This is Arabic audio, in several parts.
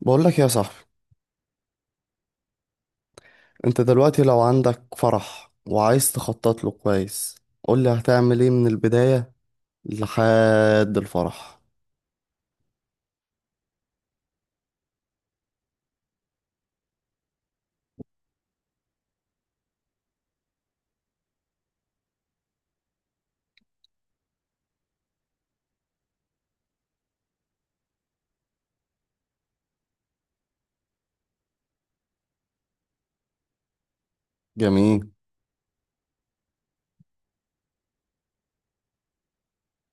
بقول لك يا صاحبي، انت دلوقتي لو عندك فرح وعايز تخطط له كويس قول لي هتعمل ايه من البداية لحد الفرح. جميل.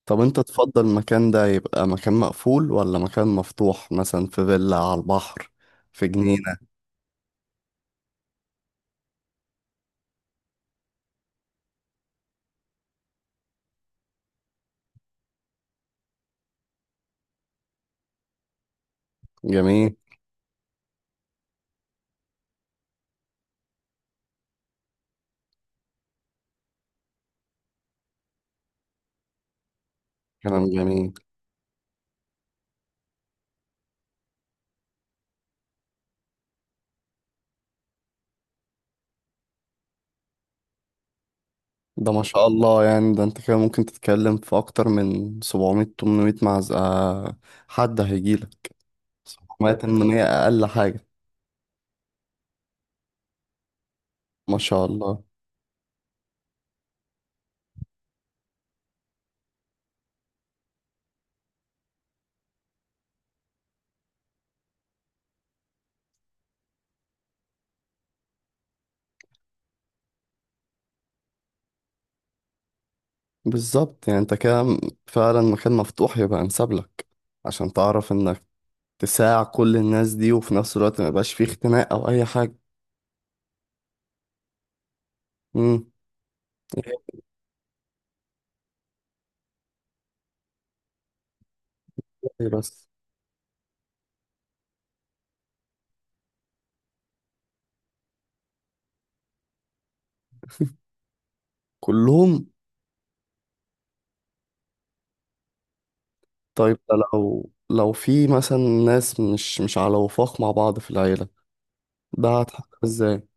طب انت تفضل المكان ده يبقى مكان مقفول ولا مكان مفتوح، مثلا في فيلا على البحر، في جنينة؟ جميل. كلام جميل. ده ما شاء الله، يعني ده انت كده ممكن تتكلم في اكتر من 700 800 معزة. حد هيجيلك 700 800 اقل حاجة. ما شاء الله. بالظبط، يعني انت كده فعلا مكان مفتوح يبقى انسب لك. عشان تعرف انك تساع كل الناس دي، وفي نفس الوقت ما يبقاش فيه اختناق او اي حاجة. امم. بس. كلهم. طيب، ده لو في مثلا ناس مش على وفاق مع بعض في العيلة، ده هتحقق ازاي؟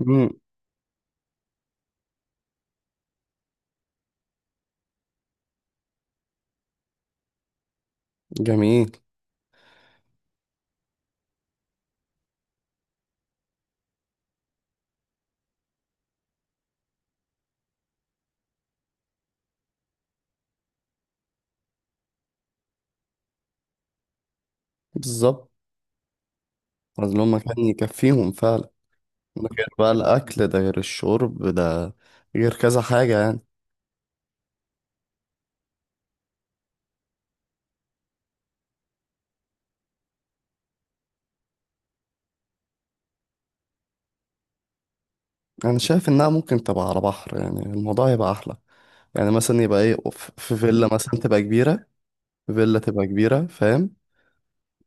امم. جميل. بالظبط، عايز لهم مكان يكفيهم فعلا. ده غير بقى الاكل، ده غير الشرب، ده غير كذا حاجة يعني. انا شايف انها ممكن تبقى على بحر، يعني الموضوع يبقى احلى. يعني مثلا يبقى ايه، في فيلا مثلا تبقى كبيرة. فيلا تبقى كبيرة، فاهم؟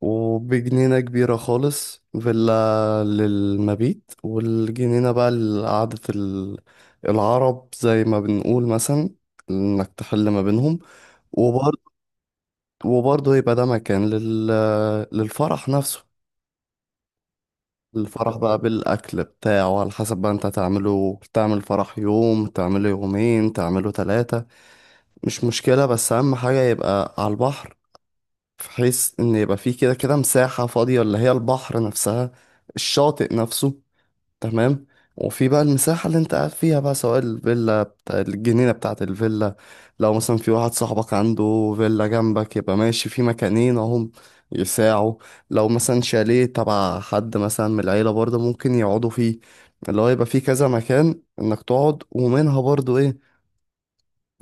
وبجنينة كبيرة خالص، فيلا للمبيت والجنينة بقى لقعدة العرب زي ما بنقول مثلا، انك تحل ما بينهم. وبرضه يبقى ده مكان للفرح نفسه. الفرح بقى بالأكل بتاعه على حسب بقى، انت تعمله تعمل فرح يوم، تعمله يومين، تعمله ثلاثة. مش مشكلة، بس أهم حاجة يبقى على البحر. بحيث ان يبقى فيه كده كده مساحة فاضية اللي هي البحر نفسها، الشاطئ نفسه. تمام. وفي بقى المساحة اللي انت قاعد فيها بقى، سواء الفيلا بتاع الجنينة بتاعة الفيلا. لو مثلا في واحد صاحبك عنده فيلا جنبك، يبقى ماشي في مكانين اهم يساعوا. لو مثلا شاليه تبع حد مثلا من العيلة برضه ممكن يقعدوا فيه. اللي هو يبقى فيه كذا مكان انك تقعد، ومنها برضه ايه،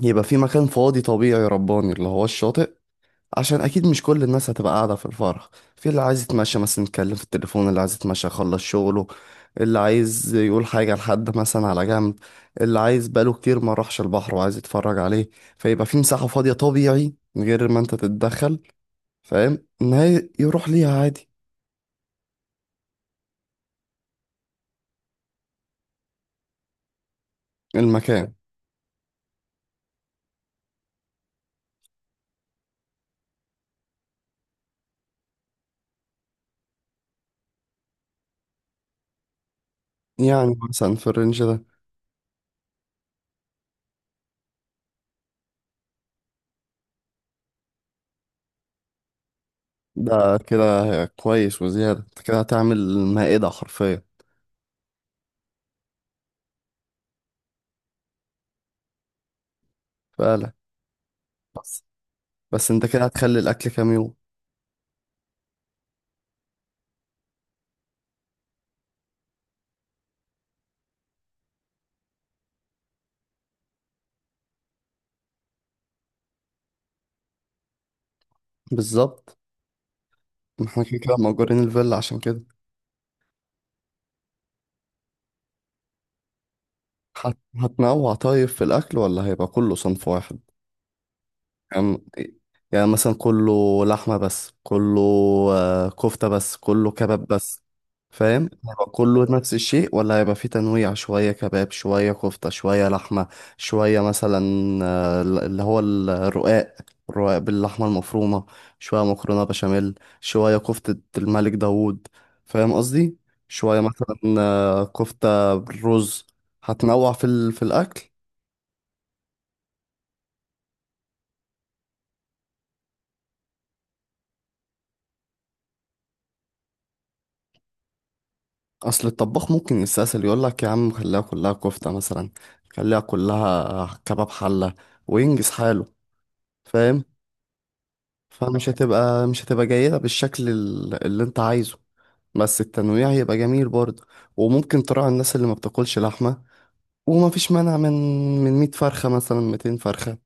يبقى في مكان فاضي طبيعي رباني اللي هو الشاطئ. عشان اكيد مش كل الناس هتبقى قاعده في الفرح. في اللي عايز يتمشى مثلا يتكلم في التليفون، اللي عايز يتمشى يخلص شغله، اللي عايز يقول حاجه لحد مثلا على جنب، اللي عايز بقاله كتير ما راحش البحر وعايز يتفرج عليه. فيبقى في مساحه فاضيه طبيعي من غير ما انت تتدخل، فاهم، ان هي يروح ليها عادي. المكان. يعني مثلا في الرينج ده. ده كده كويس وزياده، انت كده هتعمل مائده حرفيا. فعلا. بس بس انت كده هتخلي الاكل كام يوم؟ بالظبط، ما احنا كده كده مأجورين الفيلا عشان كده. هتنوع طيب في الأكل ولا هيبقى كله صنف واحد؟ يعني، يعني مثلا كله لحمة بس، كله كفتة بس، كله كباب بس. فاهم؟ هيبقى كله نفس الشيء ولا هيبقى فيه تنويع، شوية كباب شوية كفتة شوية لحمة. شوية مثلا، اللي هو الرقاق، الرقاق باللحمة المفرومة. شوية مكرونة بشاميل. شوية كفتة الملك داوود. فاهم قصدي؟ شوية مثلا كفتة بالرز. هتنوع في الأكل. اصل الطباخ ممكن يستسهل يقول لك يا عم خليها كلها كفتة مثلا، خليها كلها كباب حلة وينجز حاله، فاهم. فمش هتبقى مش هتبقى جيدة بالشكل اللي انت عايزه، بس التنويع هيبقى جميل برضه. وممكن تراعي الناس اللي ما بتاكلش لحمة، وما فيش مانع من 100 فرخة مثلا 200 فرخة،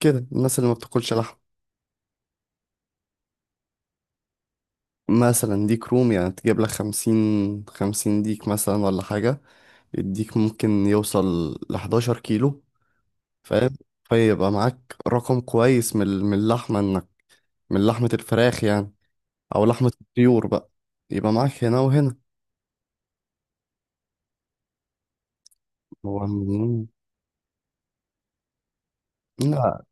كده الناس اللي ما بتاكلش لحمة. مثلا ديك رومي، يعني تجيب لك خمسين، خمسين ديك مثلا ولا حاجة. الديك ممكن يوصل لحداشر كيلو، فاهم. فيبقى معاك رقم كويس من اللحمة انك، من لحمة الفراخ يعني، او لحمة الطيور بقى. يبقى معاك هنا وهنا. هو من- لا،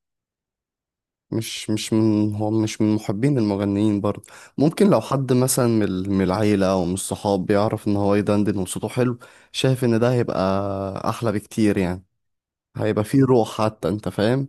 مش من محبين المغنيين برضه. ممكن لو حد مثلا من العيلة او من الصحاب بيعرف ان هو يدندن وصوته حلو، شايف ان ده هيبقى احلى بكتير يعني، هيبقى فيه روح حتى، انت فاهم؟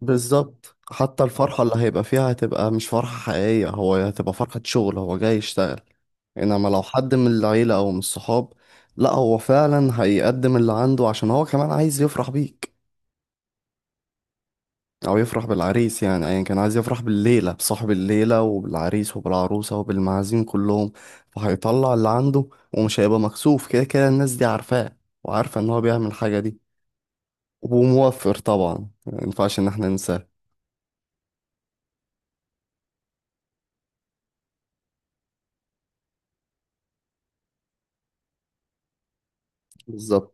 بالظبط، حتى الفرحة اللي هيبقى فيها هتبقى مش فرحة حقيقية، هو هتبقى فرحة شغل، هو جاي يشتغل. انما لو حد من العيلة او من الصحاب، لا، هو فعلا هيقدم اللي عنده عشان هو كمان عايز يفرح بيك، او يفرح بالعريس، يعني ايا كان عايز يفرح بالليلة بصاحب الليلة وبالعريس وبالعروسة وبالمعازيم كلهم. فهيطلع اللي عنده، ومش هيبقى مكسوف، كده كده الناس دي عارفاه وعارفة ان هو بيعمل الحاجة دي. وموفر طبعا، ما ينفعش ان احنا ننساه. بالظبط.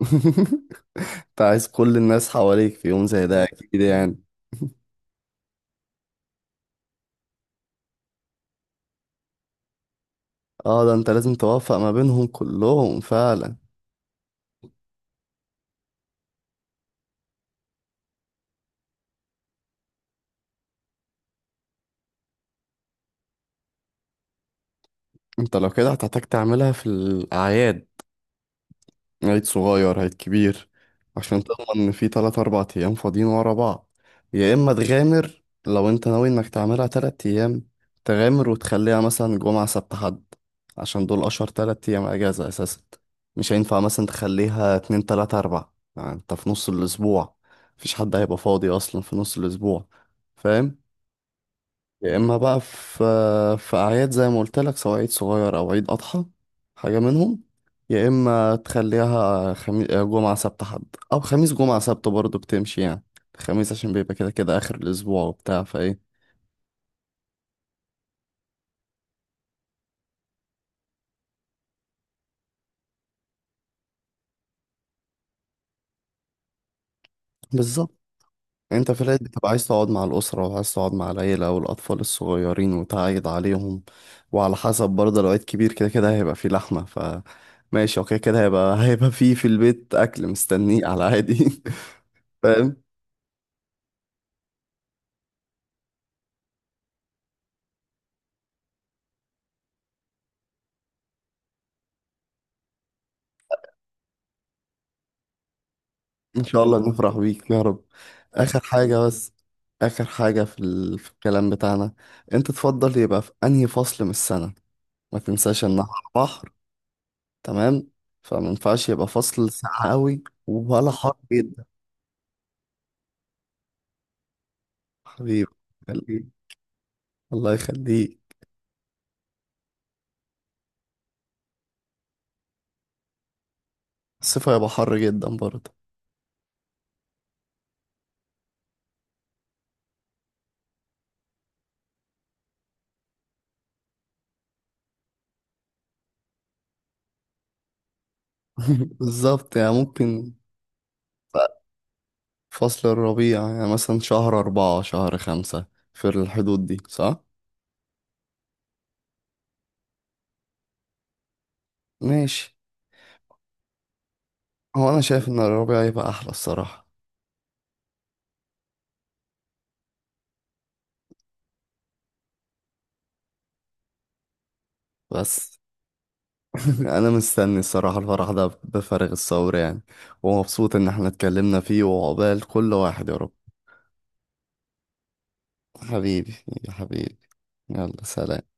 انت عايز كل الناس حواليك في يوم زي ده اكيد يعني. اه، ده انت لازم توفق ما بينهم كلهم فعلا. انت لو كده هتحتاج تعملها في الأعياد، عيد صغير عيد كبير، عشان تضمن ان في تلات أربع أيام فاضيين ورا بعض. يا إما تغامر لو انت ناوي انك تعملها تلات أيام، تغامر وتخليها مثلا جمعة سبت حد، عشان دول أشهر تلات أيام أجازة أساسا. مش هينفع مثلا تخليها اتنين تلاتة أربع، يعني انت في نص الأسبوع مفيش حد هيبقى فاضي أصلا في نص الأسبوع، فاهم. يا اما بقى في اعياد زي ما قلت لك، سواء عيد صغير او عيد اضحى، حاجه منهم. يا اما تخليها خميس جمعه سبت حد، او خميس جمعه سبت برضه بتمشي يعني. الخميس عشان بيبقى كده كده اخر الاسبوع وبتاع فايه. بالظبط، انت في العيد بتبقى عايز تقعد مع الاسره وعايز تقعد مع العيله والاطفال الصغيرين وتعيد عليهم. وعلى حسب برضه لو عيد كبير، كده كده هيبقى فيه لحمه ماشي، اوكي، كده هيبقى فيه في البيت اكل مستنيه على عادي. فاهم. ان شاء الله نفرح بيك يا رب. اخر حاجه بس. اخر حاجه في الكلام بتاعنا. انت تفضل يبقى في انهي فصل من السنه؟ ما تنساش ان احنا بحر. تمام. فما ينفعش يبقى فصل ساقع قوي ولا حر جدا. حبيبي. خليك. الله يخليك. الصيف هيبقى حر جدا برضه. بالظبط يعني ممكن. فصل الربيع، يعني مثلا شهر أربعة شهر خمسة، في الحدود دي، صح؟ ماشي. هو أنا شايف إن الربيع يبقى أحلى الصراحة. بس. انا مستني الصراحه الفرح ده بفارغ الصبر يعني، ومبسوط ان احنا اتكلمنا فيه، وعقبال كل واحد يا رب. حبيبي. يا حبيبي. يلا سلام.